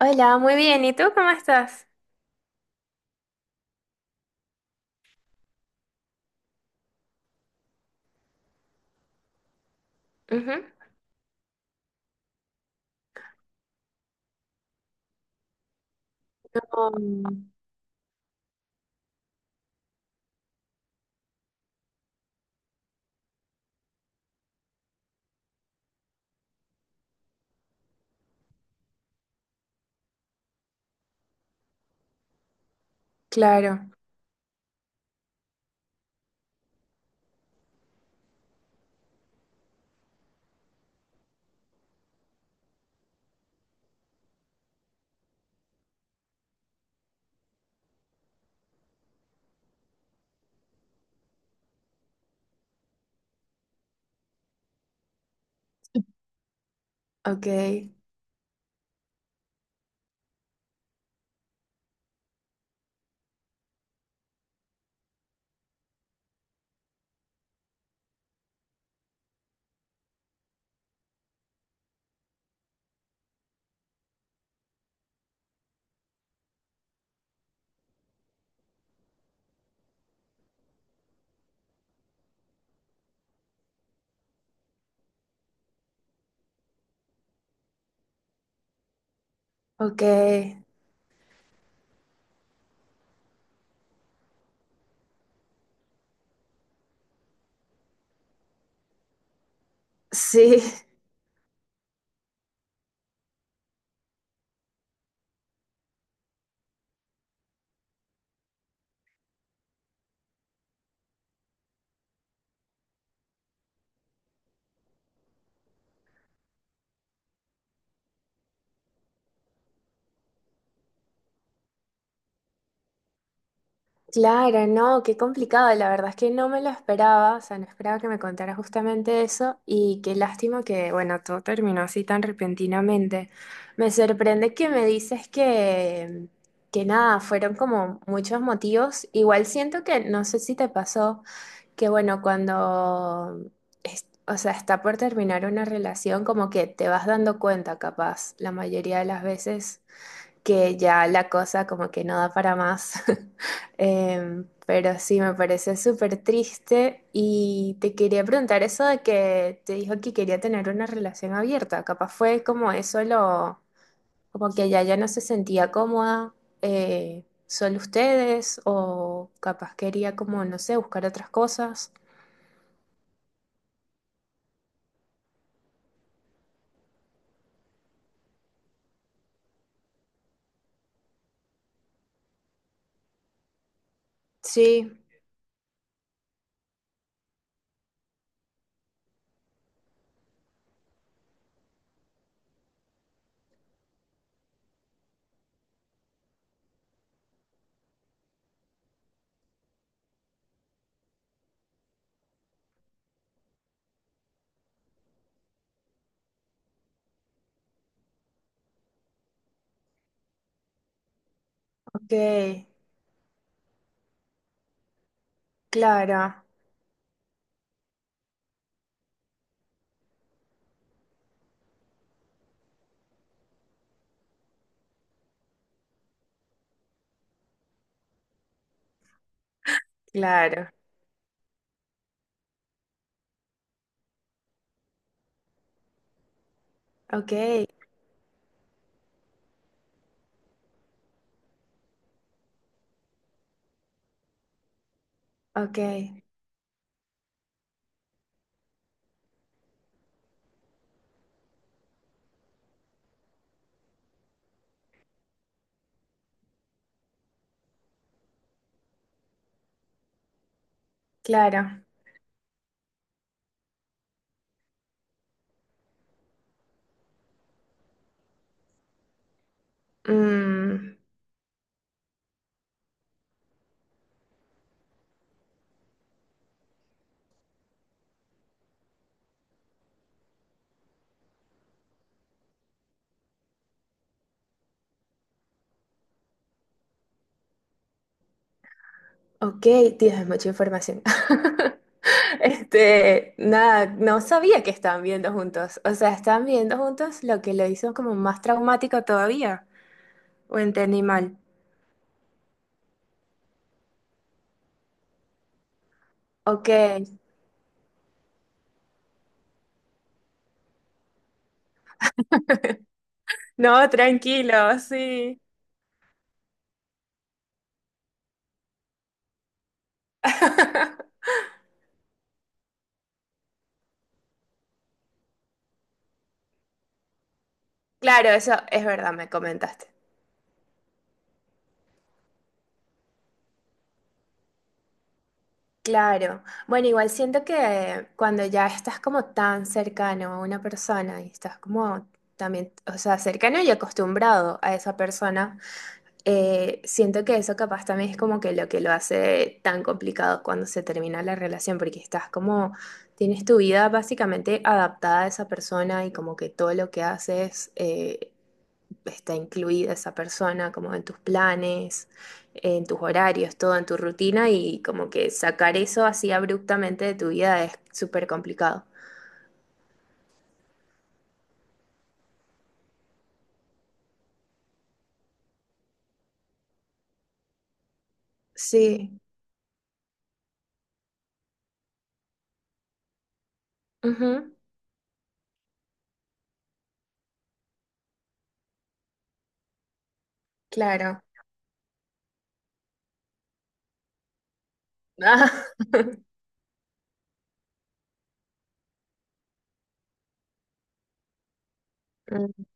Hola, muy bien. ¿Y tú cómo estás? Ujú. Mm, claro, ok, ok. Sí, claro, no, qué complicado. La verdad es que no me lo esperaba, o sea, no esperaba que me contara justamente eso y qué lástima que, bueno, todo terminó así tan repentinamente. Me sorprende que me dices que nada, fueron como muchos motivos. Igual siento que, no sé si te pasó. Que bueno, cuando, o sea, está por terminar una relación, como que te vas dando cuenta, capaz, la mayoría de las veces, que ya la cosa como que no da para más. Pero sí, me parece súper triste y te quería preguntar eso de que te dijo que quería tener una relación abierta, capaz fue como eso lo, como que ella ya no se sentía cómoda. Solo ustedes, o capaz quería como, no sé, buscar otras cosas. Sí, ok, claro, claro, ok, ok, claro. Mm, ok, Dios, es mucha información. Este, nada, no sabía que estaban viendo juntos. O sea, estaban viendo juntos lo que lo hizo como más traumático todavía. O entendí mal. Ok. No, tranquilo, sí. Claro, eso es verdad, me comentaste. Claro. Bueno, igual siento que cuando ya estás como tan cercano a una persona y estás como también, o sea, cercano y acostumbrado a esa persona, siento que eso capaz también es como que lo hace tan complicado cuando se termina la relación, porque estás como, tienes tu vida básicamente adaptada a esa persona y como que todo lo que haces, está incluida esa persona como en tus planes, en tus horarios, todo en tu rutina y como que sacar eso así abruptamente de tu vida es súper complicado. Sí, ujú, claro. Mm.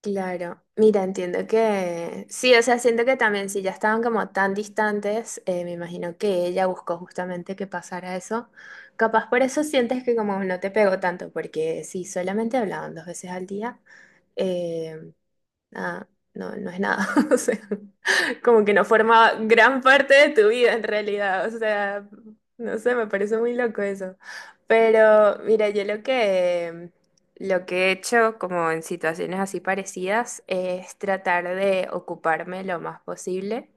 Claro, mira, entiendo que sí, o sea, siento que también si ya estaban como tan distantes, me imagino que ella buscó justamente que pasara eso. Capaz por eso sientes que como no te pegó tanto, porque si solamente hablaban dos veces al día, eh, nada, no, no es nada. O sea, como que no forma gran parte de tu vida en realidad. O sea, no sé, me parece muy loco eso. Pero mira, yo lo que he hecho como en situaciones así parecidas es tratar de ocuparme lo más posible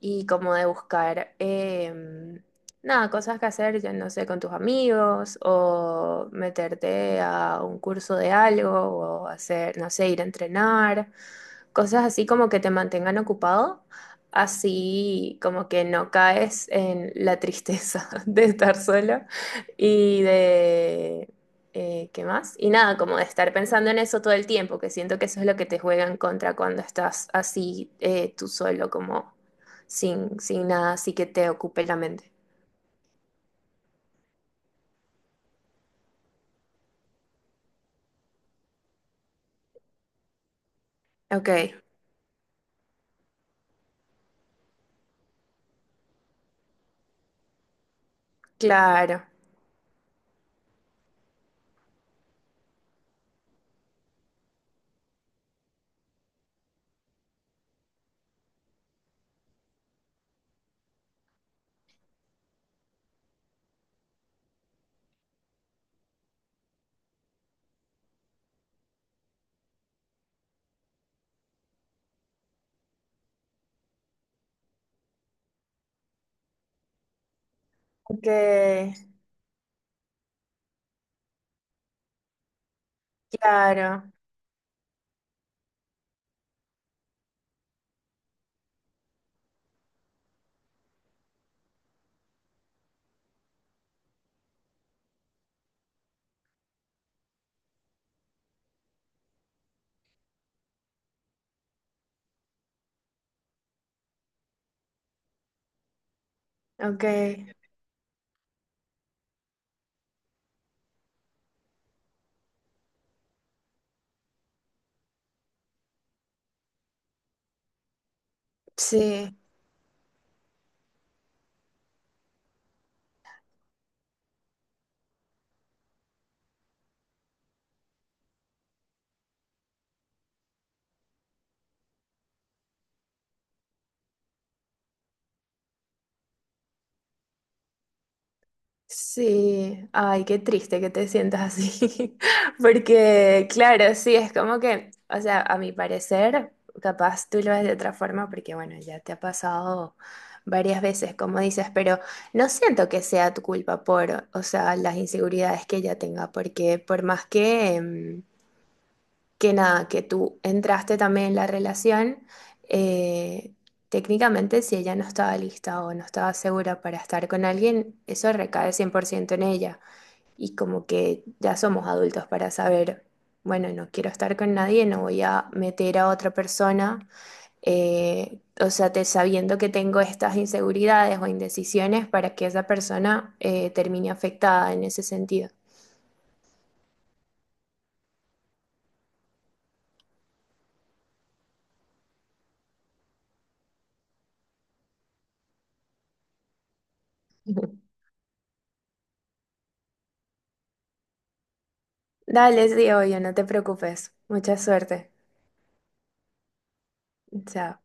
y como de buscar, nada, cosas que hacer, yo no sé, con tus amigos o meterte a un curso de algo o hacer, no sé, ir a entrenar cosas así como que te mantengan ocupado, así como que no caes en la tristeza de estar solo y de... ¿Qué más? Y nada, como de estar pensando en eso todo el tiempo, que siento que eso es lo que te juega en contra cuando estás así tú solo, como sin nada así que te ocupe la mente. Ok, claro. Ok, claro. Ok, sí. Sí, ay, qué triste que te sientas así, porque claro, sí, es como que, o sea, a mi parecer, capaz tú lo ves de otra forma, porque bueno, ya te ha pasado varias veces, como dices, pero no siento que sea tu culpa por, o sea, las inseguridades que ella tenga, porque por más que, que nada, que tú entraste también en la relación, eh, técnicamente si ella no estaba lista o no estaba segura para estar con alguien, eso recae 100% en ella. Y como que ya somos adultos para saber, bueno, no quiero estar con nadie, no voy a meter a otra persona, o sea, sabiendo que tengo estas inseguridades o indecisiones para que esa persona termine afectada en ese sentido. Dale, sí, obvio, no te preocupes. Mucha suerte. Ya.